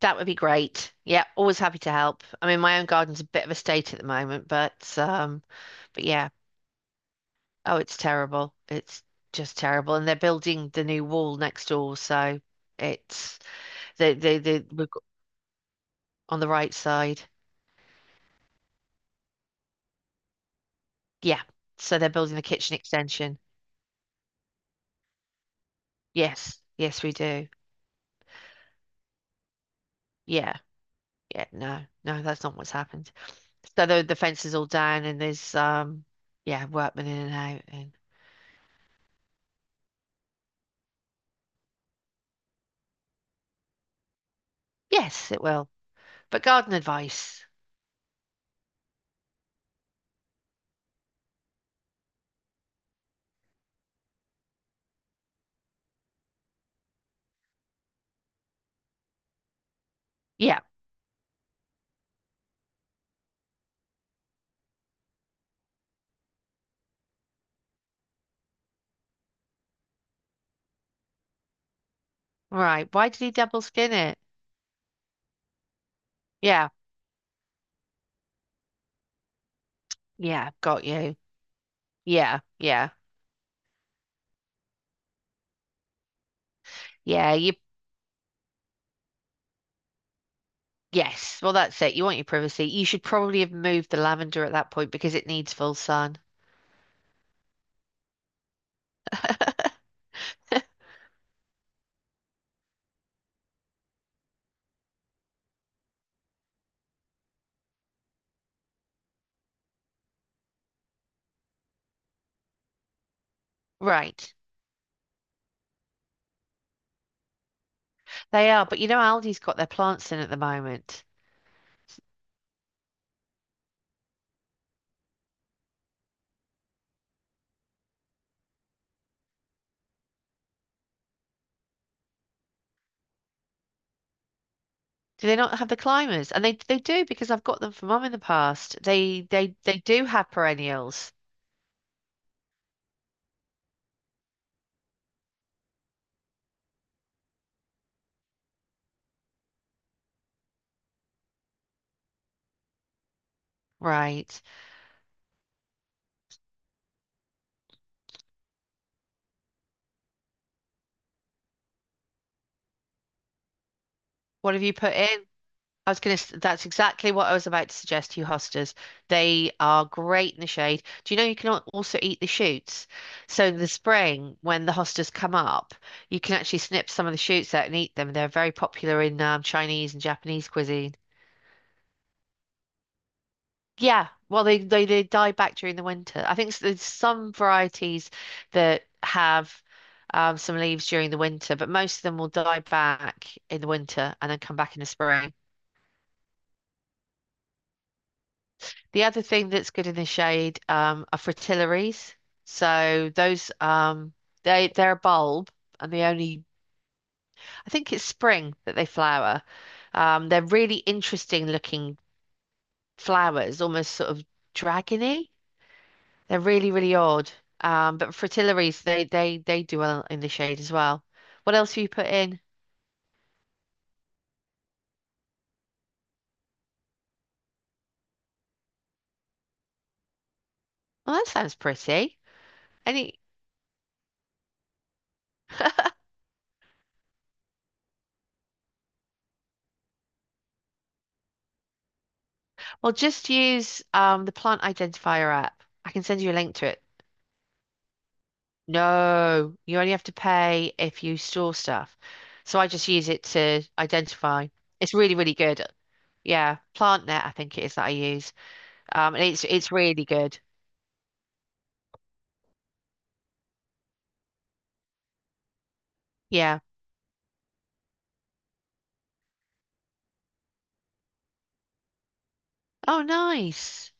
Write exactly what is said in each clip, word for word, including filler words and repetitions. That would be great. Yeah, always happy to help. I mean, my own garden's a bit of a state at the moment, but um, but yeah. Oh, it's terrible. It's just terrible. And they're building the new wall next door, so it's they they they we've got on the right side. Yeah. So they're building the kitchen extension. Yes, yes, we do. Yeah, yeah. No, no, that's not what's happened. So the the fence is all down, and there's um, yeah, workmen in and out, and yes, it will. But garden advice. Yeah. Right. Why did he double skin it? Yeah. Yeah. Got you. Yeah. Yeah. Yeah. You. Yes. Well, that's it. You want your privacy. You should probably have moved the lavender at that point because it needs full sun. Right. They are. But you know, Aldi's got their plants in at the moment. Do they not have the climbers? And they they do because I've got them for mum in the past. They they they do have perennials. Right. What have you put in? I was going to, that's exactly what I was about to suggest to you, hostas. They are great in the shade. Do you know you can al- also eat the shoots? So in the spring, when the hostas come up, you can actually snip some of the shoots out and eat them. They're very popular in um, Chinese and Japanese cuisine. Yeah, well, they, they they die back during the winter. I think s- there's some varieties that have um, some leaves during the winter, but most of them will die back in the winter and then come back in the spring. The other thing that's good in the shade um, are fritillaries. So those um, they they're a bulb, and they only I think it's spring that they flower. Um, they're really interesting looking flowers, almost sort of dragony. They're really really odd. Um, but fritillaries they they they do well in the shade as well. What else have you put in? Well, that sounds pretty. Any well, just use um, the plant identifier app. I can send you a link to it. No, you only have to pay if you store stuff. So I just use it to identify. It's really, really good. Yeah, PlantNet, I think it is that I use. Um, and it's it's really good. Yeah. Oh, nice.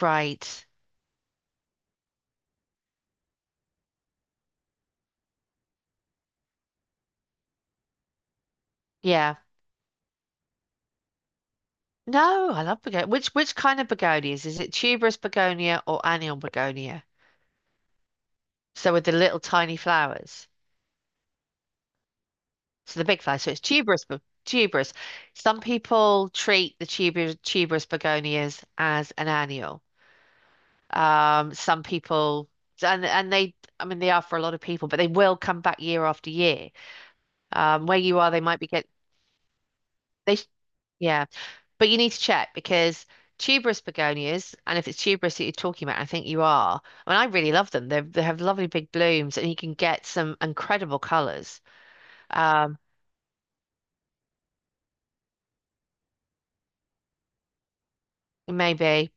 Right. Yeah. No, I love begonia. Which which kind of begonias? Is it tuberous begonia or annual begonia? So with the little tiny flowers. So the big flowers. So it's tuberous, be- tuberous. Some people treat the tuber, tuberous begonias as an annual. Um, some people and and they I mean they are for a lot of people, but they will come back year after year. Um, where you are, they might be get they sh- yeah, but you need to check because tuberous begonias, and if it's tuberous that you're talking about, I think you are. I mean, I really love them. They they have lovely big blooms, and you can get some incredible colours. Um, Maybe,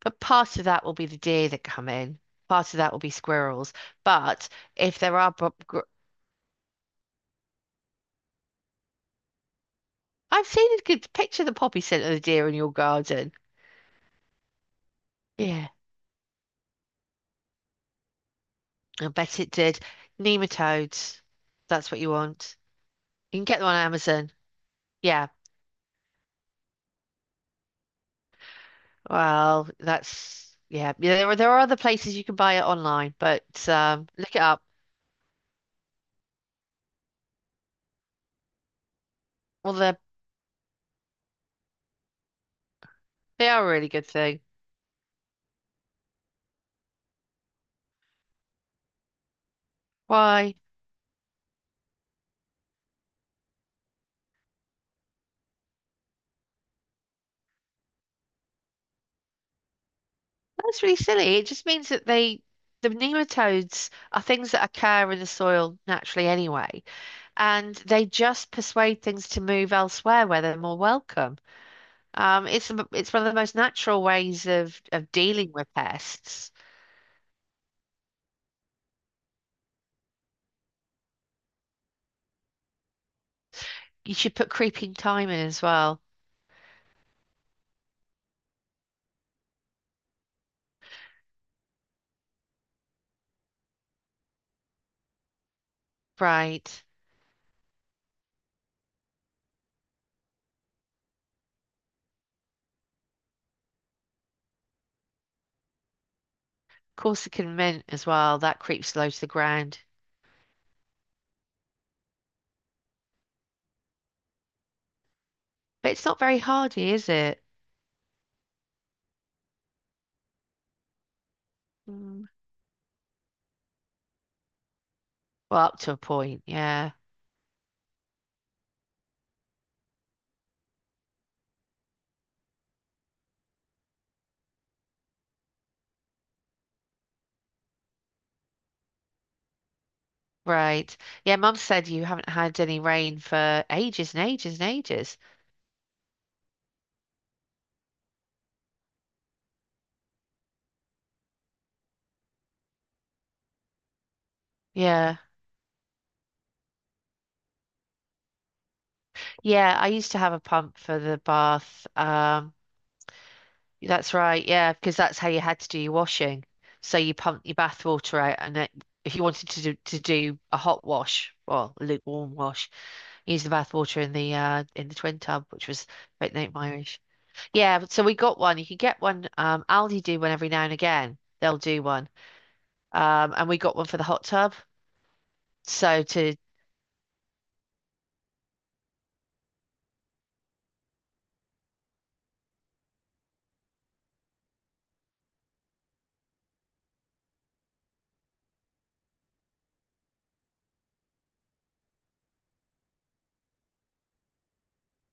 but part of that will be the deer that come in. Part of that will be squirrels. But if there are, bo- gr- I've seen a good picture of the poppy scent of the deer in your garden. Yeah, I bet it did. Nematodes. That's what you want. You can get them on Amazon. Yeah. Well, that's yeah. Yeah, There are there are other places you can buy it online, but um, look it up. Well, they they are a really good thing. Why? That's really silly. It just means that they the nematodes are things that occur in the soil naturally anyway, and they just persuade things to move elsewhere where they're more welcome. Um, it's the- it's one of the most natural ways of of dealing with pests. You should put creeping thyme in as well. Right. Corsican mint as well. That creeps low to the ground. But it's not very hardy, is it? Mm. Well, up to a point. Yeah. Right. Yeah, Mum said you haven't had any rain for ages and ages and ages. Yeah. Yeah, I used to have a pump for the bath. Um, that's right. Yeah, because that's how you had to do your washing. So you pumped your bath water out, and it, if you wanted to do, to do a hot wash, well, lukewarm wash, used the bath water in the uh in the twin tub, which was about Nate Myrish. Yeah, so we got one. You can get one. Um, Aldi do one every now and again. They'll do one. Um, and we got one for the hot tub. So to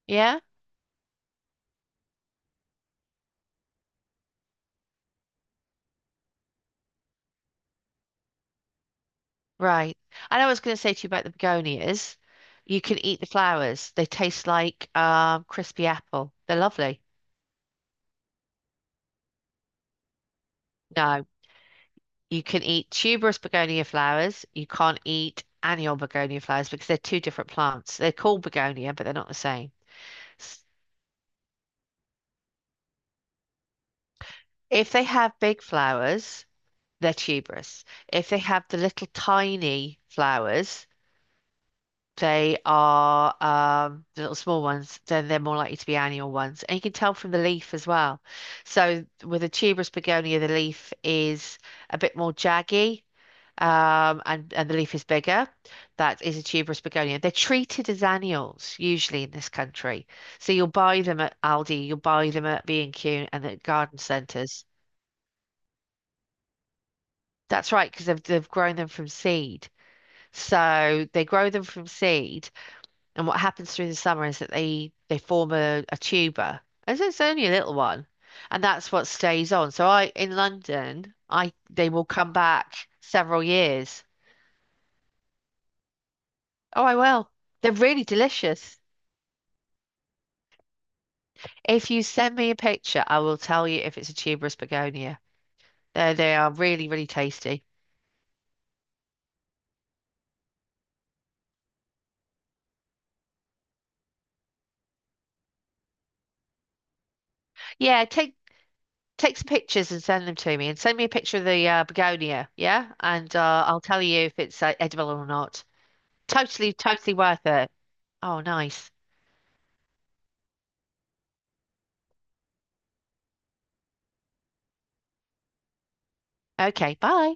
Yeah, right. And I was going to say to you about the begonias. You can eat the flowers. They taste like um crispy apple. They're lovely. No, you can eat tuberous begonia flowers. You can't eat annual begonia flowers because they're two different plants. They're called begonia, but they're not the same. If they have big flowers, they're tuberous. If they have the little tiny flowers, they are um, the little small ones, then they're more likely to be annual ones. And you can tell from the leaf as well. So with a tuberous begonia, the leaf is a bit more jaggy, um, and, and the leaf is bigger. That is a tuberous begonia. They're treated as annuals usually in this country. So you'll buy them at Aldi, you'll buy them at B and Q and Q and at garden centres. That's right, because they've, they've grown them from seed. So they grow them from seed, and what happens through the summer is that they they form a, a tuber, and so it's only a little one, and that's what stays on. So I in London, I they will come back several years. Oh, I will. They're really delicious. If you send me a picture, I will tell you if it's a tuberous begonia. They they are really really tasty. Yeah, take Take some pictures and send them to me, and send me a picture of the uh, begonia, yeah? And uh, I'll tell you if it's uh, edible or not. Totally, totally worth it. Oh, nice. Okay, bye.